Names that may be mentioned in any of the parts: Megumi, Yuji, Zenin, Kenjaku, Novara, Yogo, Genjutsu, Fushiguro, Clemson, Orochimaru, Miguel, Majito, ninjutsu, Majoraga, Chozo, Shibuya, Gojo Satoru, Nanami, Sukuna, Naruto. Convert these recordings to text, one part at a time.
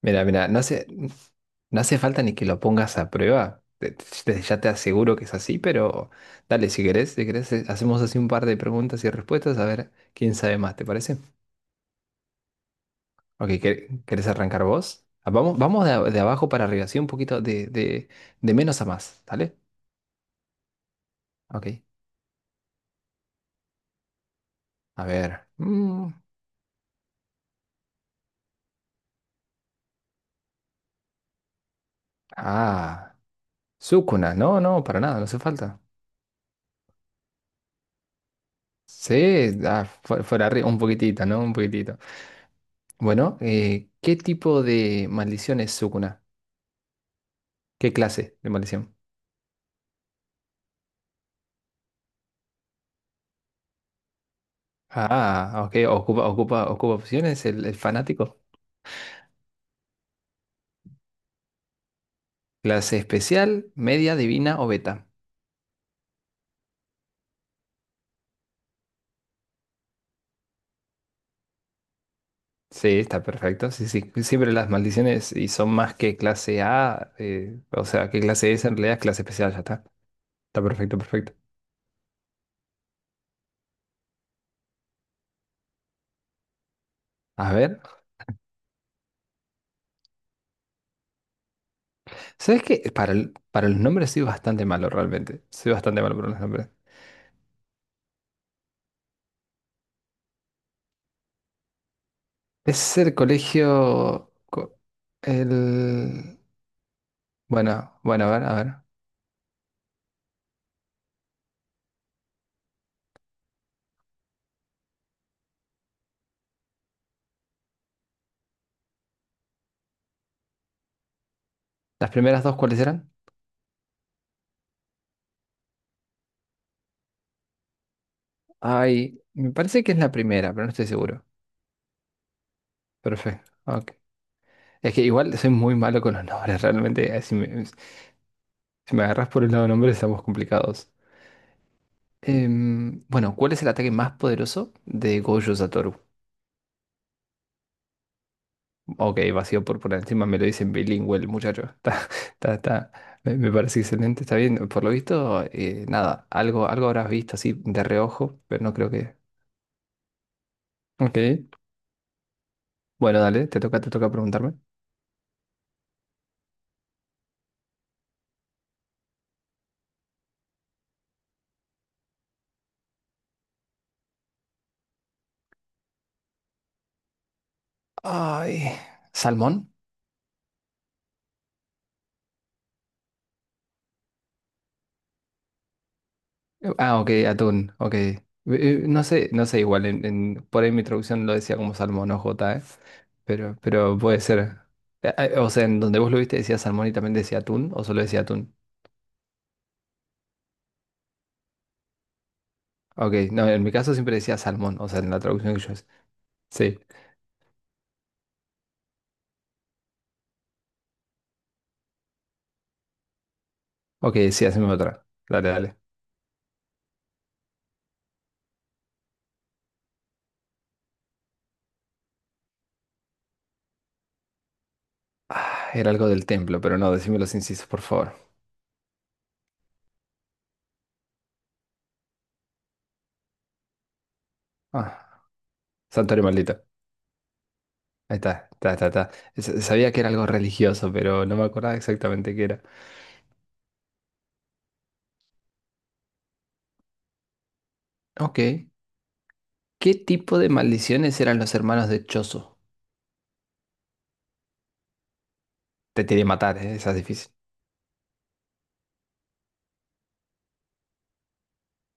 Mira, mira, no hace falta ni que lo pongas a prueba. Ya te aseguro que es así, pero dale, si querés, hacemos así un par de preguntas y respuestas a ver quién sabe más, ¿te parece? Ok, ¿querés arrancar vos? Vamos, de abajo para arriba, así un poquito de menos a más, ¿dale? Ok, a ver. Ah, Sukuna, no, no, para nada, no hace falta. Sí, fuera arriba, un poquitito, ¿no? Un poquitito. Bueno, ¿qué tipo de maldición es Sukuna? ¿Qué clase de maldición? Ok, ocupa opciones el fanático. Clase especial, media, divina o beta. Sí, está perfecto. Sí, sí. Siempre las maldiciones y son más que clase A, o sea, que clase S en realidad es clase especial, ya está. Está perfecto, perfecto. A ver, ¿sabes qué? Para los nombres soy bastante malo realmente. Soy bastante malo para los nombres. Es el colegio. El. Bueno, bueno, a ver, a ver. ¿Las primeras dos cuáles eran? Ay, me parece que es la primera, pero no estoy seguro. Perfecto. Ok. Es que igual soy muy malo con los nombres, realmente. Si me agarras por el lado de nombres, estamos complicados. Bueno, ¿cuál es el ataque más poderoso de Gojo Satoru? Ok, vacío por encima, me lo dicen bilingüe el muchacho. Está. Me parece excelente, está bien. Por lo visto, nada, algo, algo habrás visto así de reojo, pero no creo que. Ok. Bueno, dale, te toca preguntarme. Ay, ¿salmón? Ah, ok, atún, ok. No sé, no sé, por ahí mi traducción lo decía como salmón o jota, ¿eh? Pero puede ser. O sea, en donde vos lo viste decía salmón y también decía atún, o solo decía atún. Ok, no, en mi caso siempre decía salmón, o sea, en la traducción que yo hice. Sí. Ok, sí, haceme otra. Dale, dale. Ah, era algo del templo, pero no, decime los incisos, por favor. Ah, santuario maldito. Ahí está, está. S- Sabía que era algo religioso, pero no me acordaba exactamente qué era. Ok. ¿Qué tipo de maldiciones eran los hermanos de Chozo? Te tiré matar, ¿eh? Esa es difícil.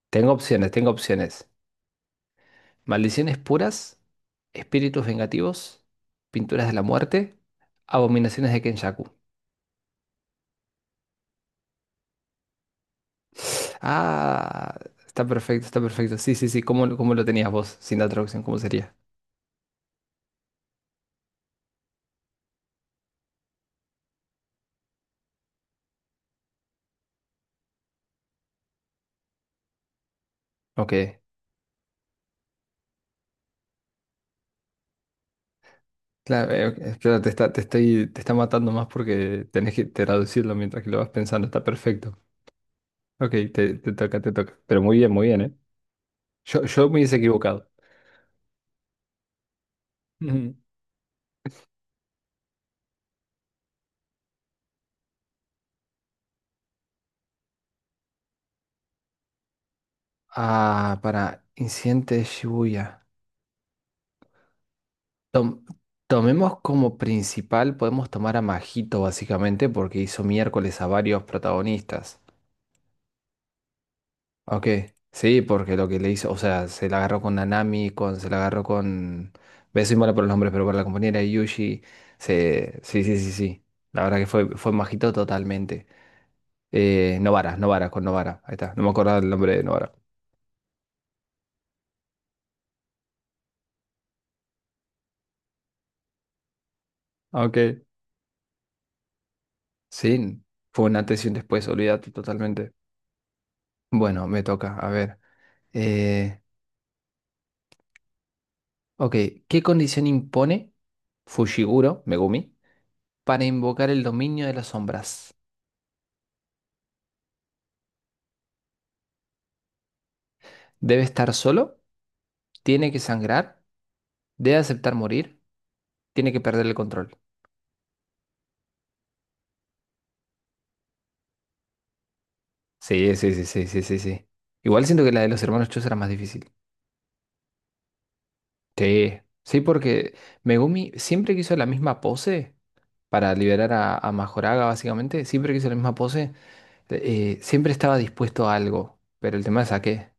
Tengo opciones, tengo opciones. Maldiciones puras, espíritus vengativos, pinturas de la muerte, abominaciones de Kenjaku. Ah, está perfecto, está perfecto. Sí, sí, sí. ¿Cómo, cómo lo tenías vos sin la traducción? ¿Cómo sería? Ok. Claro, ok, claro, te está matando más porque tenés que traducirlo mientras que lo vas pensando. Está perfecto. Ok, te toca, te toca. Pero muy bien, ¿eh? Yo me hubiese equivocado. Ah, para Incidente de Shibuya. Tom- Tomemos como principal, podemos tomar a Majito básicamente porque hizo miércoles a varios protagonistas. Ok, sí, porque lo que le hizo, o sea, se la agarró con Nanami, con, se la agarró con... ve, soy malo por los nombres, pero por la compañera de Yuji. Se, sí, sí, sí, sí. La verdad que fue Majito totalmente. Novara, Novara, con Novara. Ahí está, no me acordaba el nombre de Novara. Ok. Sí, fue un antes y un después, olvídate totalmente. Bueno, me toca. A ver. eh, ok, ¿Qué condición impone Fushiguro, Megumi, para invocar el dominio de las sombras? ¿Debe estar solo? ¿Tiene que sangrar? ¿Debe aceptar morir? ¿Tiene que perder el control? Sí, sí, sí, sí, sí, sí, sí. Igual siento que la de los hermanos Chus era más difícil. Sí. Sí, porque Megumi siempre que hizo la misma pose para liberar a Majoraga, básicamente. Siempre que hizo la misma pose, siempre estaba dispuesto a algo. Pero el tema es a qué.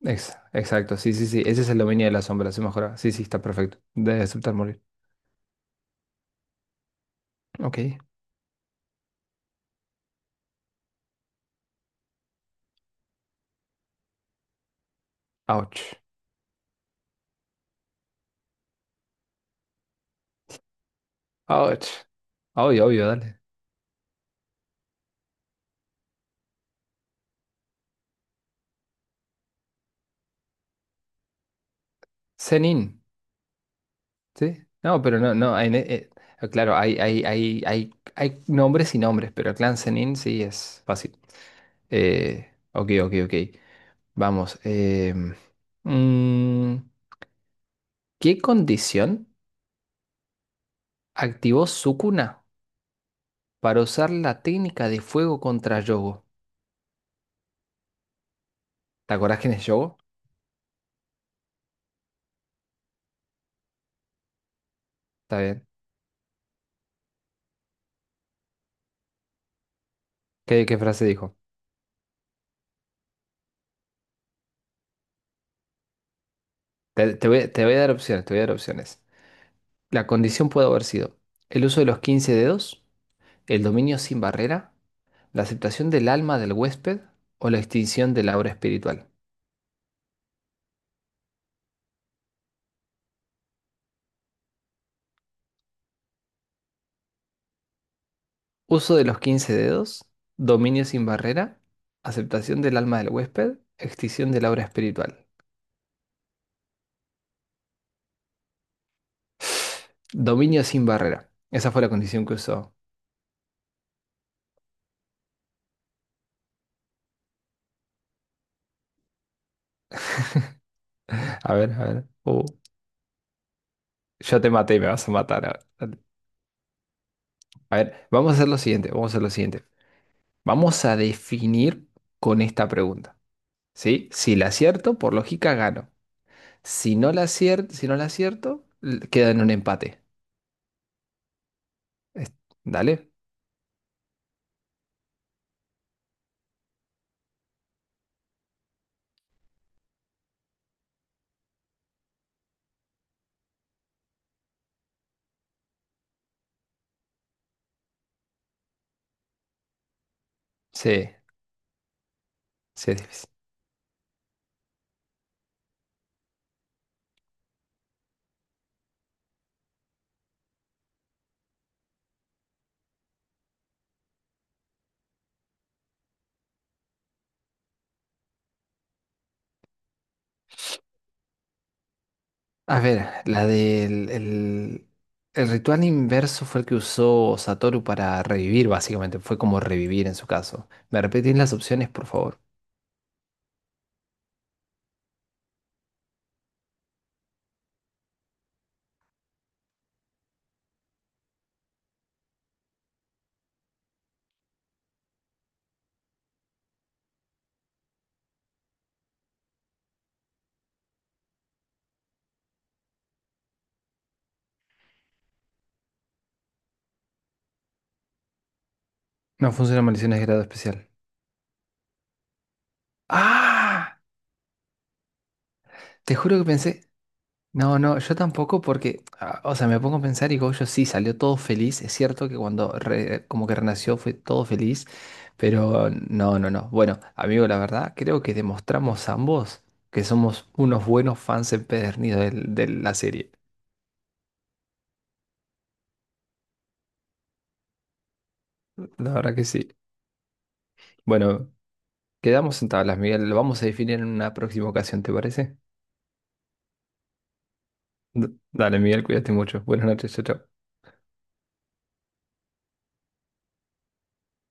Exacto, sí, sí, sí. Ese es el dominio de la sombra, se mejora. Sí, sí, está perfecto. Debe aceptar morir. Ok. Ouch. Ouch. Obvio, obvio, dale. Zenin, ¿sí? No, pero no, no. Claro, hay nombres y nombres, pero el clan Zenin sí es fácil. Ok, ok, ok. Vamos. Mm, ¿Qué condición activó Sukuna para usar la técnica de fuego contra Yogo? ¿Te acordás quién es Yogo? Está bien. ¿Qué, qué frase dijo? Te voy a dar opciones, te voy a dar opciones. La condición puede haber sido el uso de los 15 dedos, el dominio sin barrera, la aceptación del alma del huésped o la extinción de la obra espiritual. Uso de los 15 dedos, dominio sin barrera, aceptación del alma del huésped, extinción de la obra espiritual. Dominio sin barrera. Esa fue la condición que usó. A ver, a ver. Yo te maté y me vas a matar. A ver, a ver, vamos a hacer lo siguiente. Vamos a definir con esta pregunta, ¿sí? Si la acierto, por lógica gano. Si no la acierto, l- queda en un empate. Es- ¿Dale? Sí, sí, es difícil. A ver, el ritual inverso fue el que usó Satoru para revivir, básicamente. Fue como revivir en su caso. ¿Me repetís las opciones, por favor? No funciona maldiciones de grado especial. ¡Ah! Te juro que pensé. No, no, yo tampoco porque, ah, o sea, me pongo a pensar y Gojo sí salió todo feliz. Es cierto que cuando como que renació fue todo feliz, pero no, no, no. Bueno, amigo, la verdad, creo que demostramos ambos que somos unos buenos fans empedernidos de la serie. La verdad que sí. Bueno, quedamos en tablas, Miguel. Lo vamos a definir en una próxima ocasión, ¿te parece? D- dale, Miguel, cuídate mucho. Buenas noches, chao, chao.